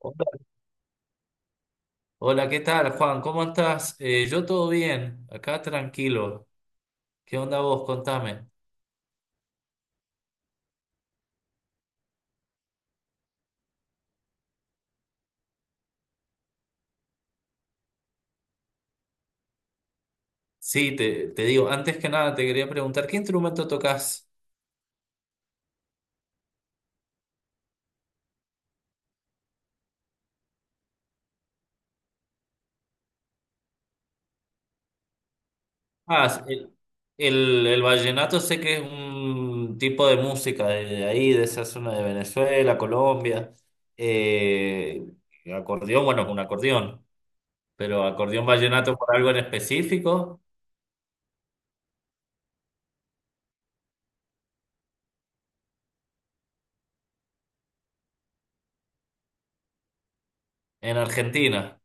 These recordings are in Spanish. Hola, ¿qué tal, Juan? ¿Cómo estás? Yo todo bien, acá tranquilo. ¿Qué onda vos? Contame. Sí, te digo, antes que nada te quería preguntar, ¿qué instrumento tocas? Ah, el, el vallenato sé que es un tipo de música de ahí, de esa zona de Venezuela, Colombia. Eh, acordeón, bueno, es un acordeón, pero acordeón vallenato por algo en específico en Argentina.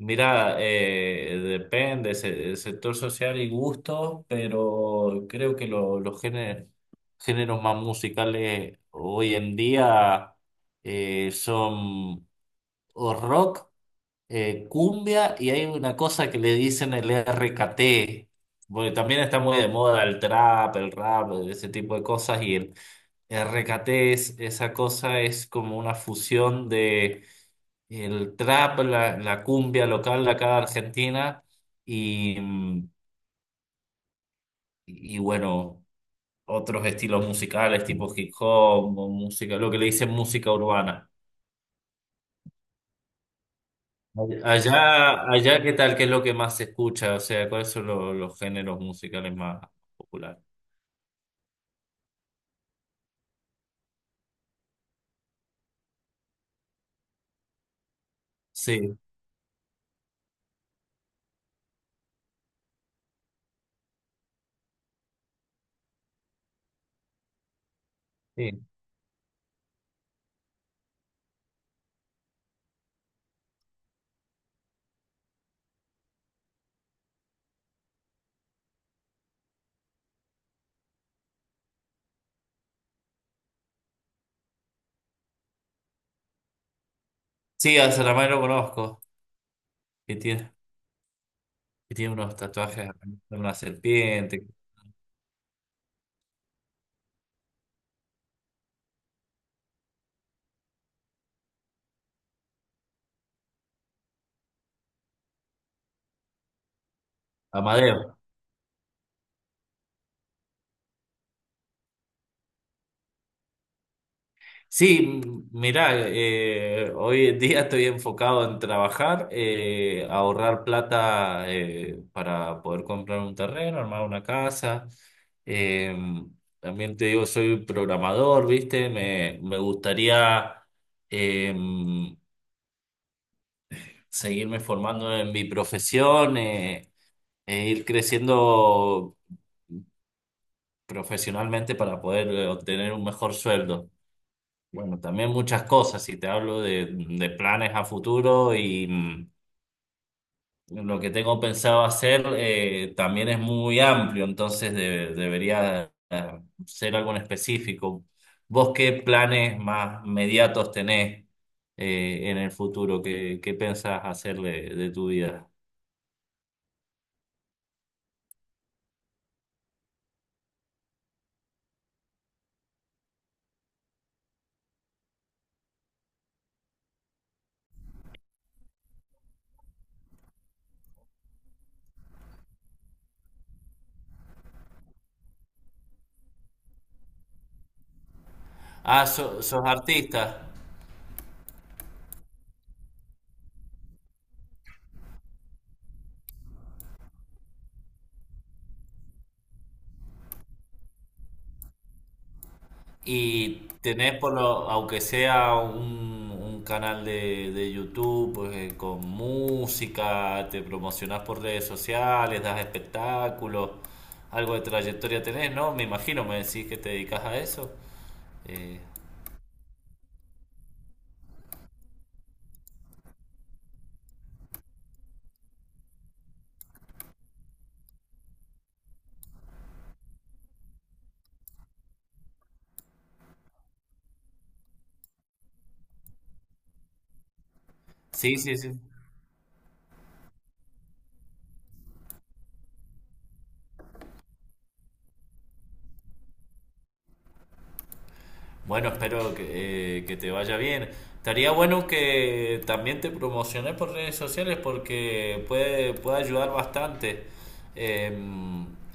Mira, depende, el sector social y gusto, pero creo que géneros más musicales hoy en día son o rock, cumbia y hay una cosa que le dicen el RKT, porque también está muy de moda el trap, el rap, ese tipo de cosas y el RKT es, esa cosa es como una fusión el trap, la cumbia local de acá de Argentina y, y bueno, otros estilos musicales tipo hip hop, o música, lo que le dicen música urbana. Allá, ¿qué tal? ¿Qué es lo que más se escucha? O sea, ¿cuáles son los géneros musicales más populares? Sí, sí. Sí, a Saramago lo conozco, que tiene, que tiene unos tatuajes, de una serpiente, Amadeo. Sí, mira, hoy en día estoy enfocado en trabajar, ahorrar plata para poder comprar un terreno, armar una casa. Eh, también te digo, soy programador, ¿viste? Me gustaría eh, seguirme formando en mi profesión e ir creciendo profesionalmente para poder obtener un mejor sueldo. Bueno, también muchas cosas. Si te hablo de planes a futuro y lo que tengo pensado hacer también es muy amplio, entonces debería ser algo en específico. ¿Vos qué planes más inmediatos tenés en el futuro? ¿Qué, qué pensás hacer de tu vida? Ah, sos artista. Y tenés por lo, aunque sea un canal de YouTube, pues con música, te promocionás por redes sociales, das espectáculos, algo de trayectoria tenés, ¿no? Me imagino, me decís que te dedicas a eso. Eh, sí, sí, sí. Bueno, espero que te vaya bien. Estaría bueno que también te promociones por redes sociales porque puede, puede ayudar bastante. Eh,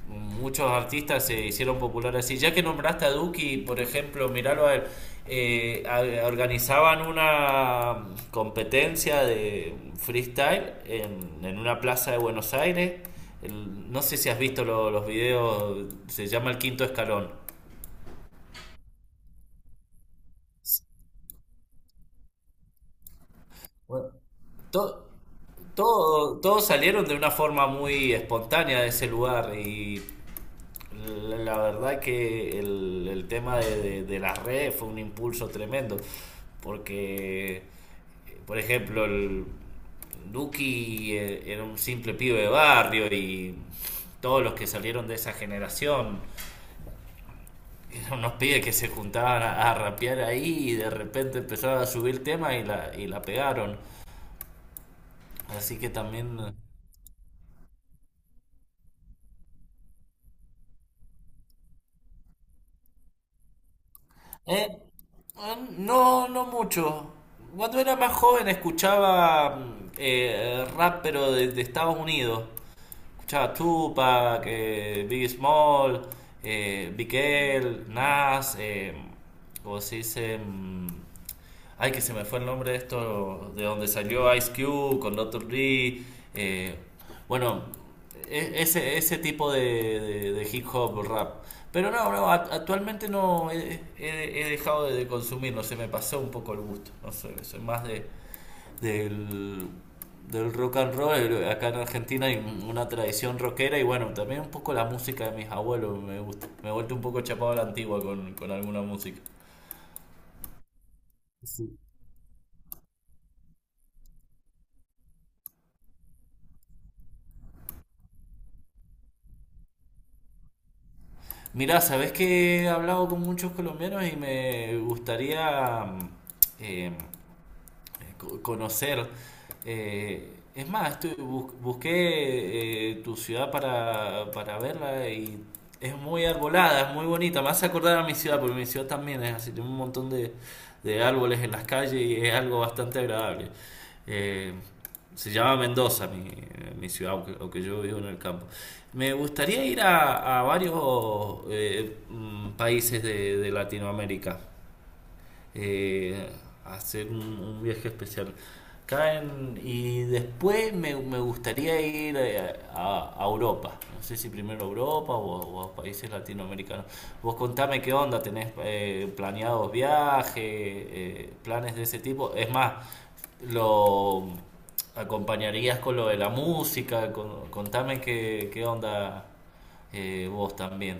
muchos artistas se hicieron populares así. Ya que nombraste a Duki, por ejemplo, miralo a él, organizaban una competencia de freestyle en una plaza de Buenos Aires. No sé si has visto los videos, se llama El Quinto Escalón. Bueno, to- todos salieron de una forma muy espontánea de ese lugar y la verdad que el tema de, de las redes fue un impulso tremendo porque, por ejemplo, el Duki era un simple pibe de barrio y todos los que salieron de esa generación eran unos pibes que se juntaban a rapear ahí y de repente empezaron a subir temas y la pegaron. Así que también Eh, no, no mucho. Cuando era más joven escuchaba rap, pero de Estados Unidos. Escuchaba Tupac, Biggie Small, Big L, Nas, ¿cómo se dice? Ay, que se me fue el nombre de esto, de donde salió Ice Cube con Doctor Dre. eh, bueno, ese, ese tipo de, de hip hop o rap. Pero no, no, actualmente no he, he dejado de consumirlo, se me pasó un poco el gusto. No sé, soy más de, del, del rock and roll. Acá en Argentina hay una tradición rockera y bueno, también un poco la música de mis abuelos me gusta. Me he vuelto un poco chapado a la antigua con alguna música. Mira, sabes que he hablado con muchos colombianos y me gustaría eh, conocer. Eh, es más, busqué tu ciudad para verla y es muy arbolada, es muy bonita. Me hace acordar a mi ciudad, porque mi ciudad también es así, tiene un montón de árboles en las calles y es algo bastante agradable. Eh, se llama Mendoza, mi ciudad, aunque, aunque yo vivo en el campo. Me gustaría ir a varios países de Latinoamérica eh, hacer un viaje especial. Caen, y después me, me gustaría ir a Europa. No sé si primero a Europa o a países latinoamericanos. Vos contame qué onda, tenés planeados viajes, planes de ese tipo. Es más, lo acompañarías con lo de la música. Contame qué, qué onda vos también.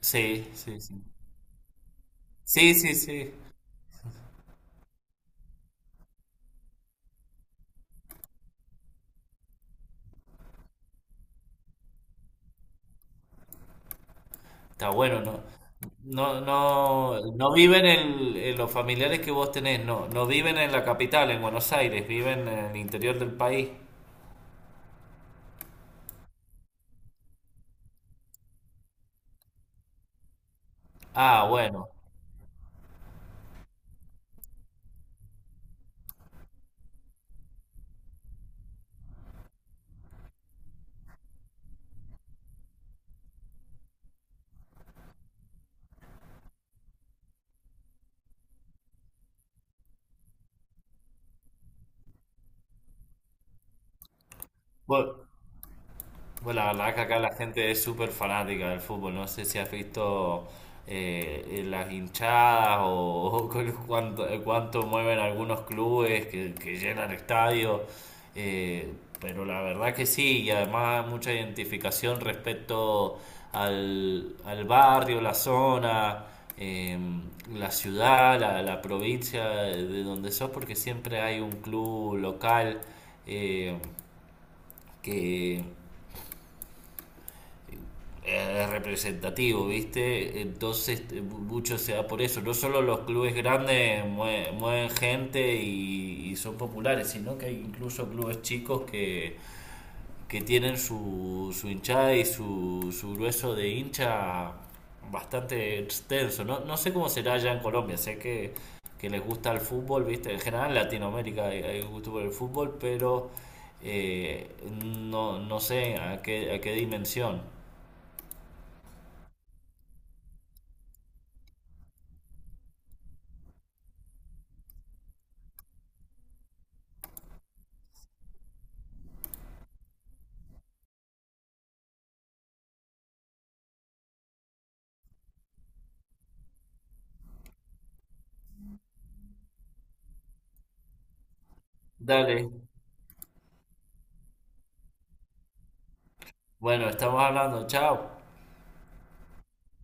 Sí, sí, sí. Sí, sí, sí. Está bueno, ¿no? No, no, no viven en los familiares que vos tenés, no, no viven en la capital, en Buenos Aires, viven en el interior del país. Ah, bueno. Bu- pues la verdad que acá la gente es súper fanática del fútbol. No sé si has visto las hinchadas o, con cuánto, cuánto mueven algunos clubes que llenan estadios. eh, pero la verdad que sí, y además mucha identificación respecto al, al barrio, la zona, eh, la ciudad, la provincia de donde sos, porque siempre hay un club local eh, que es representativo, ¿viste? Entonces mucho se da por eso. No solo los clubes grandes mueven gente y son populares, sino que hay incluso clubes chicos que tienen su, su hinchada y su grueso de hincha bastante extenso. No, no sé cómo será allá en Colombia, sé que les gusta el fútbol, ¿viste? En general en Latinoamérica hay, hay gusto por el fútbol, pero eh, no, no sé a qué dimensión. Dale, bueno, estamos hablando. Chao.